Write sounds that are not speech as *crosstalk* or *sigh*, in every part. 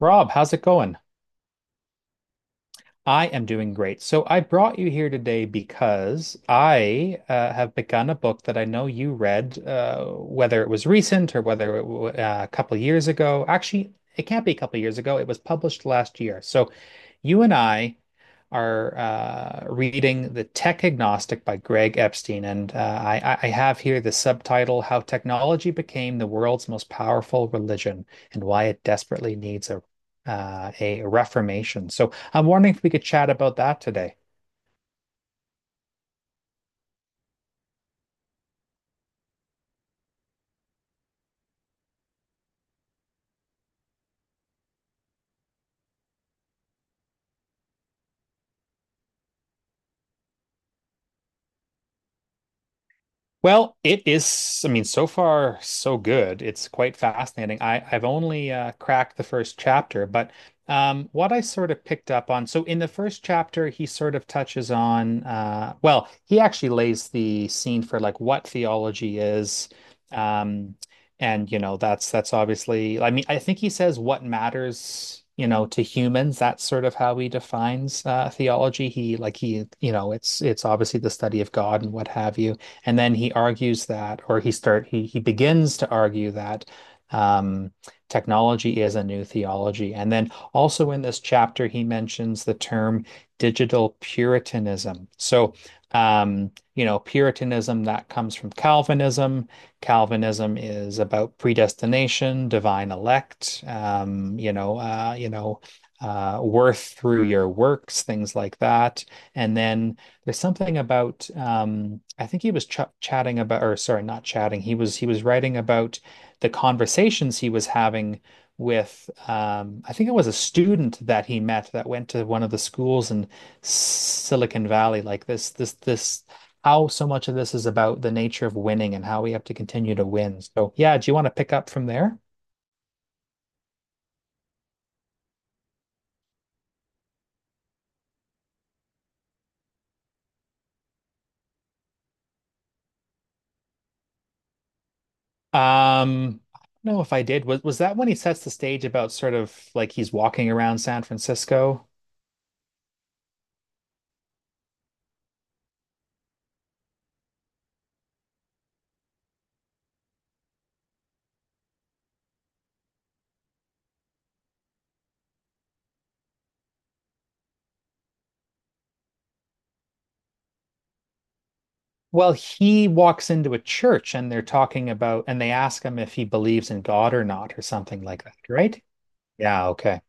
Rob, how's it going? I am doing great. So I brought you here today because I have begun a book that I know you read, whether it was recent or whether it w a couple years ago. Actually, it can't be a couple years ago. It was published last year. So you and I are reading The Tech Agnostic by Greg Epstein. And I have here the subtitle How Technology Became the World's Most Powerful Religion and Why It Desperately Needs a Reformation. So I'm wondering if we could chat about that today. Well, it is, I mean, so far so good. It's quite fascinating. I've only cracked the first chapter, but what I sort of picked up on, so in the first chapter, he sort of touches on, well, he actually lays the scene for like what theology is. Um, and you know, that's obviously, I mean, I think he says what matters, you know, to humans. That's sort of how he defines theology. He like he, you know, it's obviously the study of God and what have you. And then he argues that, or he start he begins to argue that um, technology is a new theology. And then also in this chapter, he mentions the term digital Puritanism. So, you know, Puritanism that comes from Calvinism. Calvinism is about predestination, divine elect, worth through your works, things like that. And then there's something about I think he was ch chatting about, or sorry, not chatting. He was writing about the conversations he was having with I think it was a student that he met that went to one of the schools in Silicon Valley. Like how so much of this is about the nature of winning and how we have to continue to win. So yeah, do you want to pick up from there? I don't know if I did. Was that when he sets the stage about sort of like he's walking around San Francisco? Well, he walks into a church and they're talking about, and they ask him if he believes in God or not, or something like that, right? Yeah, okay.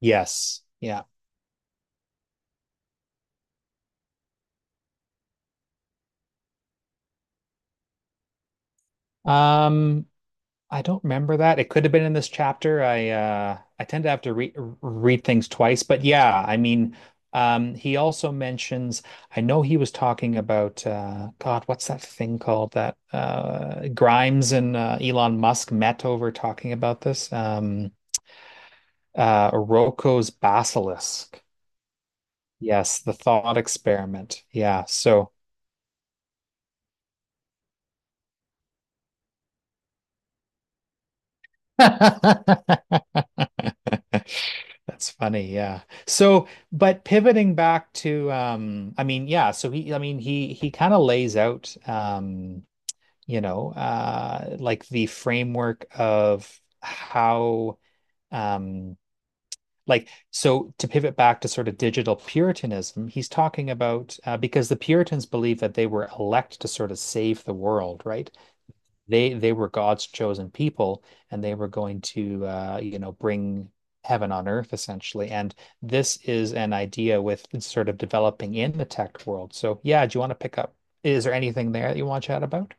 Yes. Yeah. Um, I don't remember that. It could have been in this chapter. I tend to have to re read things twice, but yeah, I mean, he also mentions I know he was talking about God, what's that thing called that Grimes and Elon Musk met over talking about this? Rocco's Basilisk. Yes, the thought experiment. Yeah, so *laughs* that's funny. Yeah. So, but pivoting back to, I mean, yeah. So he, I mean, he kind of lays out, you know, like the framework of how um like, so to pivot back to sort of digital Puritanism, he's talking about because the Puritans believed that they were elect to sort of save the world, right? They were God's chosen people, and they were going to, you know, bring heaven on earth essentially. And this is an idea with sort of developing in the tech world. So yeah, do you want to pick up? Is there anything there that you want to chat about?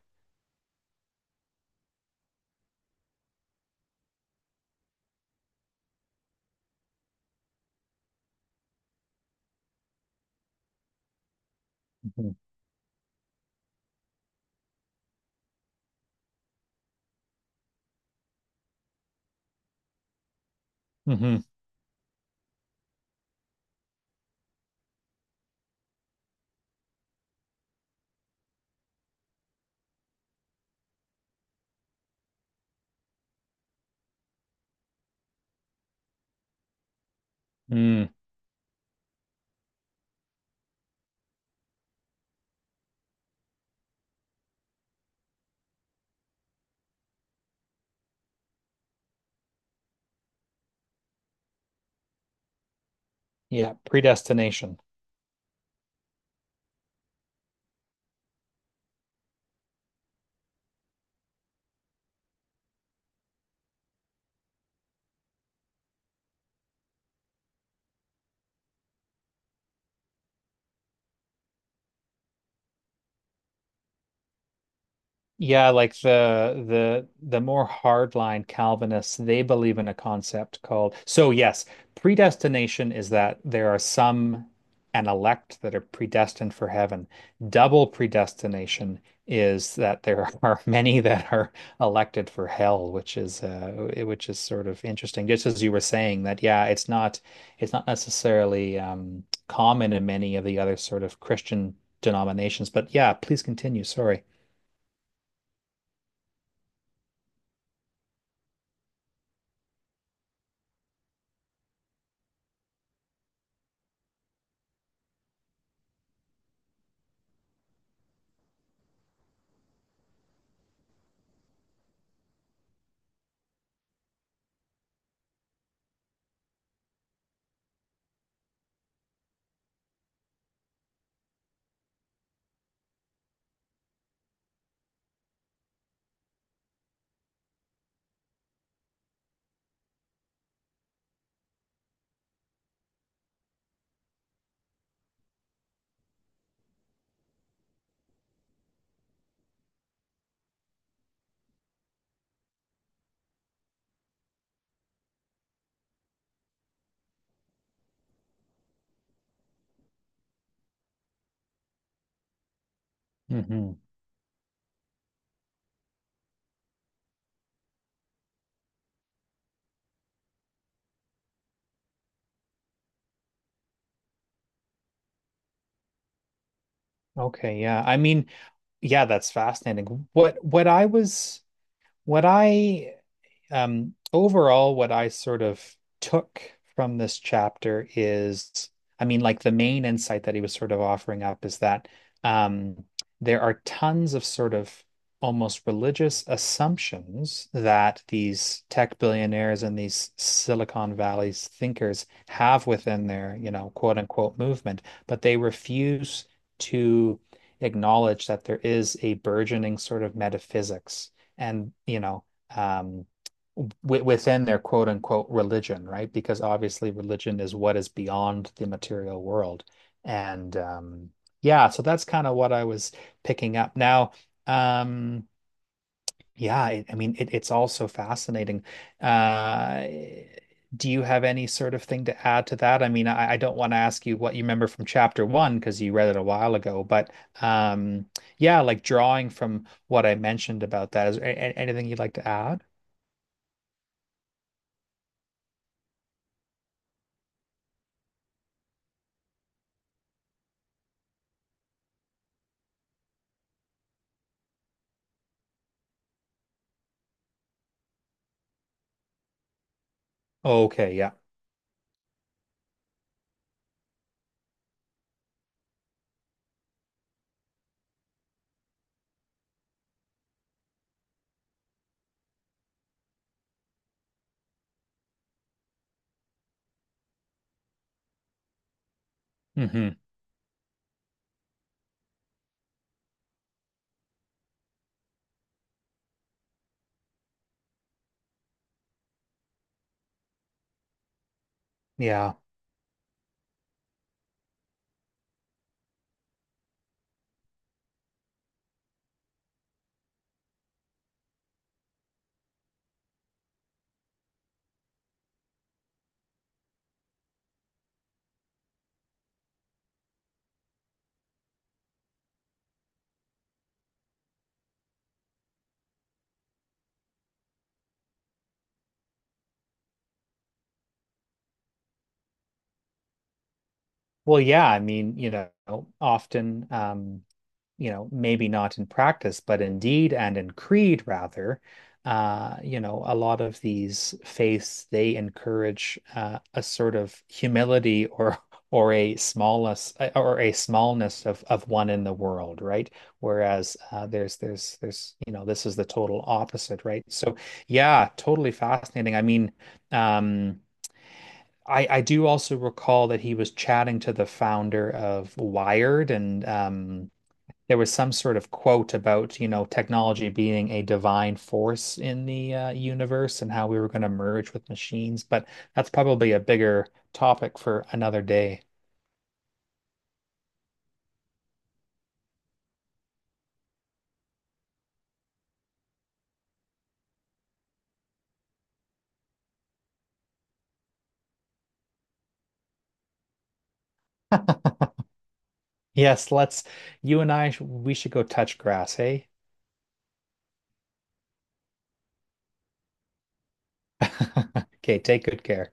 Hmm. Hmm. Mm. Yeah, predestination. Yeah, like the more hardline Calvinists, they believe in a concept called so yes, predestination is that there are some an elect that are predestined for heaven. Double predestination is that there are *laughs* many that are elected for hell, which is sort of interesting. Just as you were saying that yeah, it's not necessarily common in many of the other sort of Christian denominations, but yeah, please continue. Sorry. Mhm. Okay, yeah. I mean, yeah, that's fascinating. What I was what I Overall, what I sort of took from this chapter is I mean like the main insight that he was sort of offering up is that um there are tons of sort of almost religious assumptions that these tech billionaires and these Silicon Valley's thinkers have within their, you know, quote unquote movement, but they refuse to acknowledge that there is a burgeoning sort of metaphysics and you know um, w within their quote unquote religion, right? Because obviously religion is what is beyond the material world, and yeah, so that's kind of what I was picking up now. Um, yeah, I mean, it's all so fascinating. Uh, do you have any sort of thing to add to that? I mean, I don't want to ask you what you remember from chapter one because you read it a while ago, but um, yeah, like drawing from what I mentioned about that, is there anything you'd like to add? Okay, yeah. Hmm. Yeah. Well, yeah, I mean, you know, often you know, maybe not in practice, but in deed and in creed, rather, you know, a lot of these faiths, they encourage a sort of humility or a smallness of one in the world, right? Whereas there's you know, this is the total opposite, right? So yeah, totally fascinating. I mean, um, I do also recall that he was chatting to the founder of Wired and there was some sort of quote about, you know, technology being a divine force in the universe and how we were going to merge with machines, but that's probably a bigger topic for another day. *laughs* Yes, let's, you and I, we should go touch grass, hey? *laughs* Okay, take good care.